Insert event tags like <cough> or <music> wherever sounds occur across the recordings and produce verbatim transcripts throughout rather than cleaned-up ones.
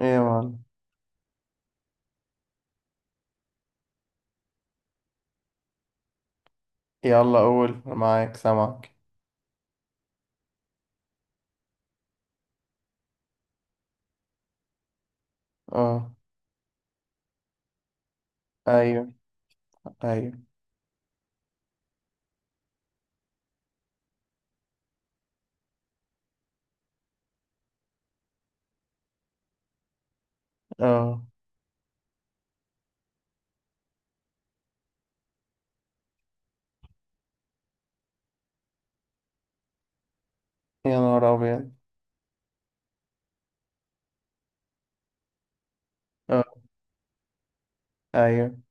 ايه يا معلم؟ يلا قول، أنا معاك سامعك. اه. ايوه. ايوه. اه، يا نهار ابيض. اه، ايوه،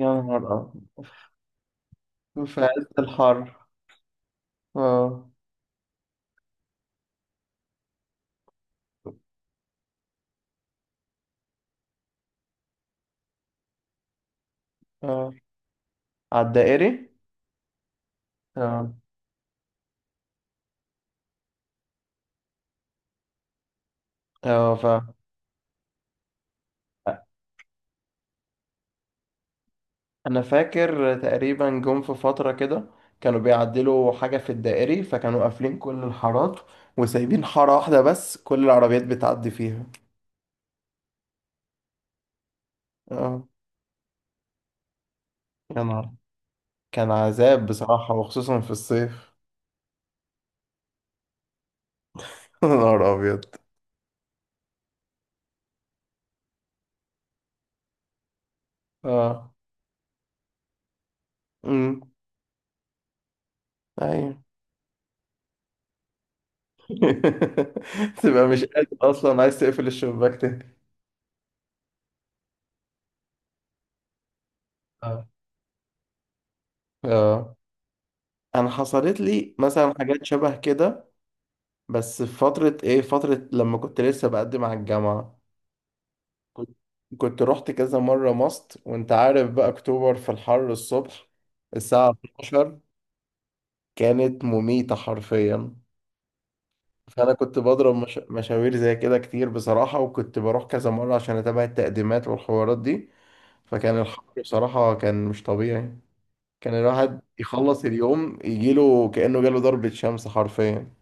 يا نهار ابيض في عز الحر. اه. اه، على الدائري. اه. اه، ف انا فاكر تقريبا جم في فترة كده، كانوا بيعدلوا حاجة في الدائري، فكانوا قافلين كل الحارات وسايبين حارة واحدة بس كل العربيات بتعدي فيها. اه، يا نهار، كان عذاب بصراحة وخصوصا في الصيف. <laughs> يا نهار ابيض. اه. امم. ايوه. <laughs> تبقى مش قادر اصلا عايز تقفل الشباك تاني. اه. اه، انا حصلت لي مثلا حاجات شبه كده، بس في فترة ايه، فترة لما كنت لسه بقدم على الجامعة. كنت كنت رحت كذا مرة ماست، وانت عارف بقى اكتوبر في الحر الصبح، الساعة اتناشر كانت مميتة حرفيا. فانا كنت بضرب مش... مشاوير زي كده كتير بصراحة، وكنت بروح كذا مرة عشان اتابع التقديمات والحوارات دي. فكان الحر بصراحة كان مش طبيعي. كان الواحد يخلص اليوم يجيله كأنه جاله ضربة شمس حرفيا.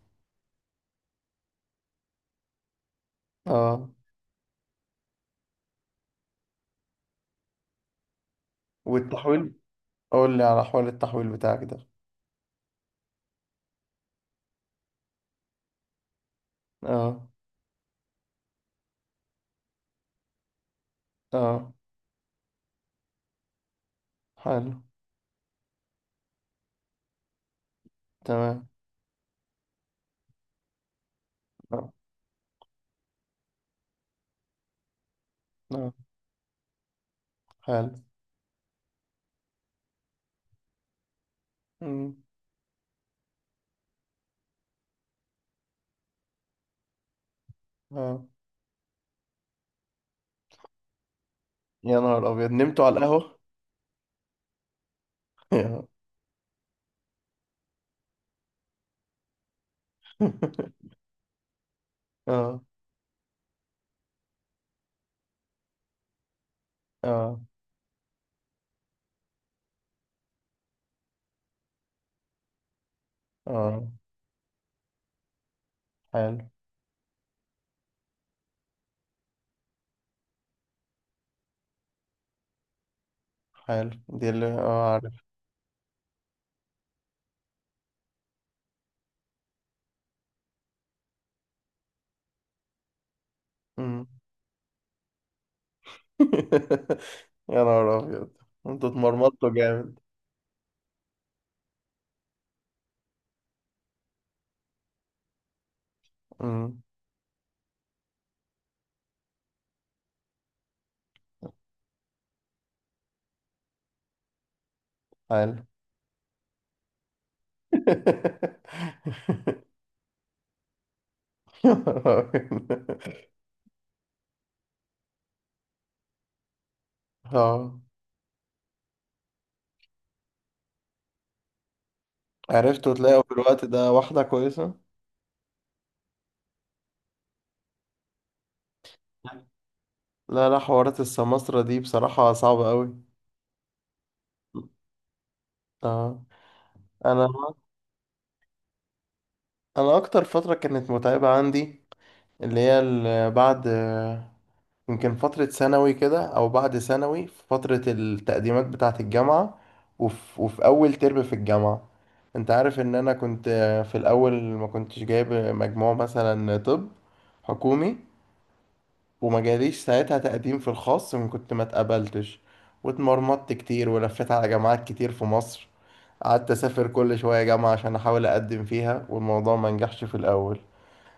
اه، والتحويل، قول لي على حوار التحويل بتاعك ده. اه. اه. حلو. تمام. اه. اه. حلو. مم. اه، يا نهار أبيض نمتوا على القهوة. <laughs> اه. اه. اه. آه. حلو. حلو دي اللي اه عارف. مم. <laughs> يا نهار أبيض، انتوا اتمرمطتوا جامد. مم. حلو. <laughs> اه، عرفت تلاقوا في الوقت ده واحدة كويسة؟ لا، لا، حوارات السماسرة دي بصراحة صعبة قوي. اه، انا انا اكتر فترة كانت متعبة عندي، اللي هي ال- بعد، يمكن فترة ثانوي كده او بعد ثانوي، في فترة التقديمات بتاعة الجامعة. وفي, وفي اول ترم في الجامعة. انت عارف ان انا كنت في الاول ما كنتش جايب مجموع مثلا، طب حكومي، وما جاليش ساعتها تقديم في الخاص، من كنت ما اتقبلتش واتمرمطت كتير ولفيت على جامعات كتير في مصر، قعدت اسافر كل شوية جامعة عشان احاول اقدم فيها والموضوع ما نجحش في الاول.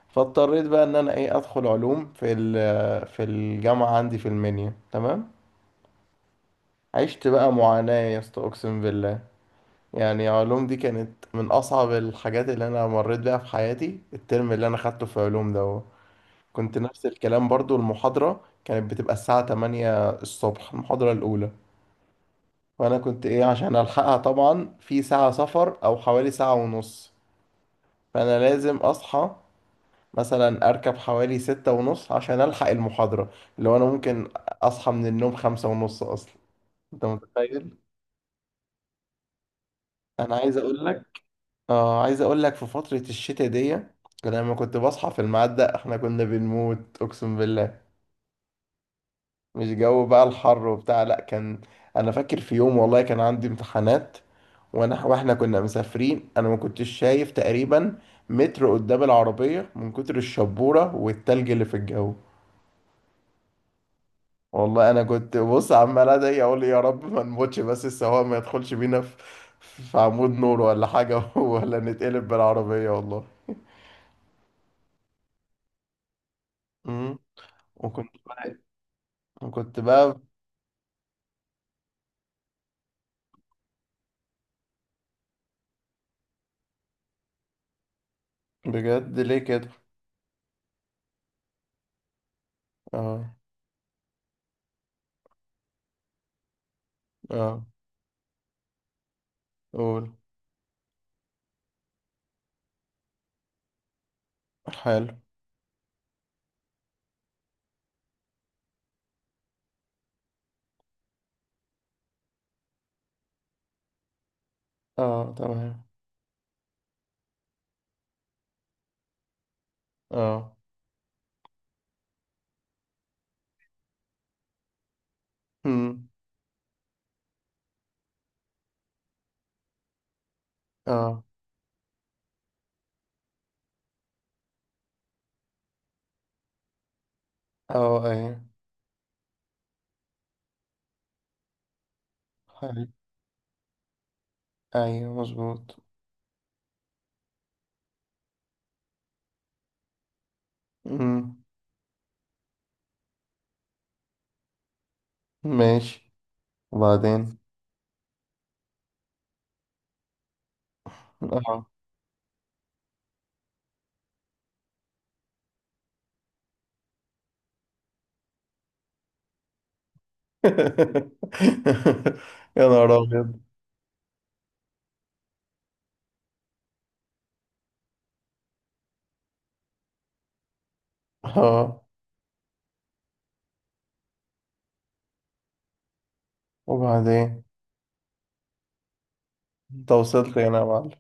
فاضطريت بقى ان انا ايه ادخل علوم في ال- في الجامعة عندي في المنيا. تمام، عشت بقى معاناة يا اسطى اقسم بالله. يعني علوم دي كانت من اصعب الحاجات اللي انا مريت بيها في حياتي. الترم اللي انا خدته في علوم ده كنت نفس الكلام برضو، المحاضرة كانت بتبقى الساعة تمانية الصبح المحاضرة الأولى. وأنا كنت إيه عشان ألحقها طبعا في ساعة سفر أو حوالي ساعة ونص، فأنا لازم أصحى مثلا أركب حوالي ستة ونص عشان ألحق المحاضرة. اللي هو أنا ممكن أصحى من النوم خمسة ونص أصلا. أنت متخيل؟ أنا عايز أقول لك، آه عايز أقول لك في فترة الشتاء دي لما كنت بصحى في الميعاد ده إحنا كنا بنموت أقسم بالله. مش جو بقى الحر وبتاع، لا، كان انا فاكر في يوم والله كان عندي امتحانات، وانا واحنا كنا مسافرين، انا ما كنتش شايف تقريبا متر قدام العربية من كتر الشبورة والتلج اللي في الجو. والله انا كنت بص عمال ادعي اقول يا رب ما نموتش، بس السواق ما يدخلش بينا في في عمود نور ولا حاجة <laughs> ولا نتقلب بالعربية والله. امم وكنت بقى وكنت بقى بجد ليه كده. اه. اه. قول. حلو. اه. تمام. اه. امم. اه. اه. ايوه. حلو. ايوه، مظبوط. امم. ماشي، وبعدين. اه. <laughs> يا نهار ابيض. اه، وبعدين، انت وصلت هنا يا معلم؟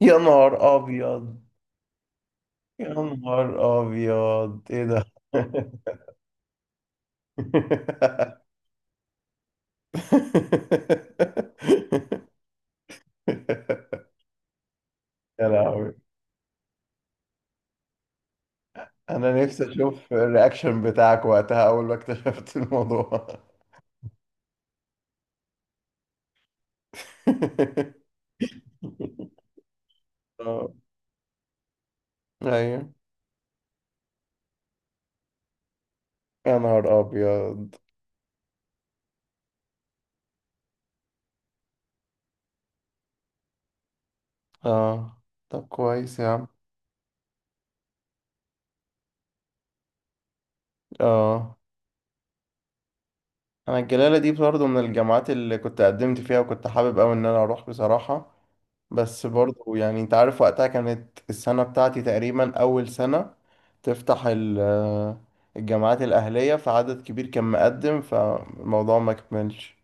يا نهار ابيض. يا نهار ابيض ايه ده؟ <laughs> يا لهوي. انا نفسي اشوف الرياكشن بتاعك وقتها اول ما اكتشفت الموضوع. <laughs> اه. ايوه. يا نهار ابيض. اه، طب كويس يا عم. اه، انا الجلاله دي برضه من الجامعات اللي كنت قدمت فيها، وكنت حابب قوي ان انا اروح بصراحه. بس برضه يعني، انت عارف وقتها كانت السنه بتاعتي تقريبا اول سنه تفتح ال- آه، الجامعات الاهليه، فعدد كبير كان مقدم، فالموضوع ما كملش.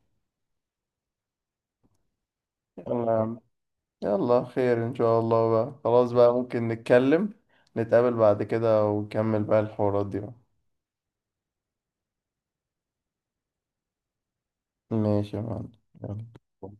يلا، خير ان شاء الله بقى، خلاص بقى، ممكن نتكلم، نتقابل بعد كده ونكمل بقى الحوارات دي بقى. ماشي يا معلم. يلا.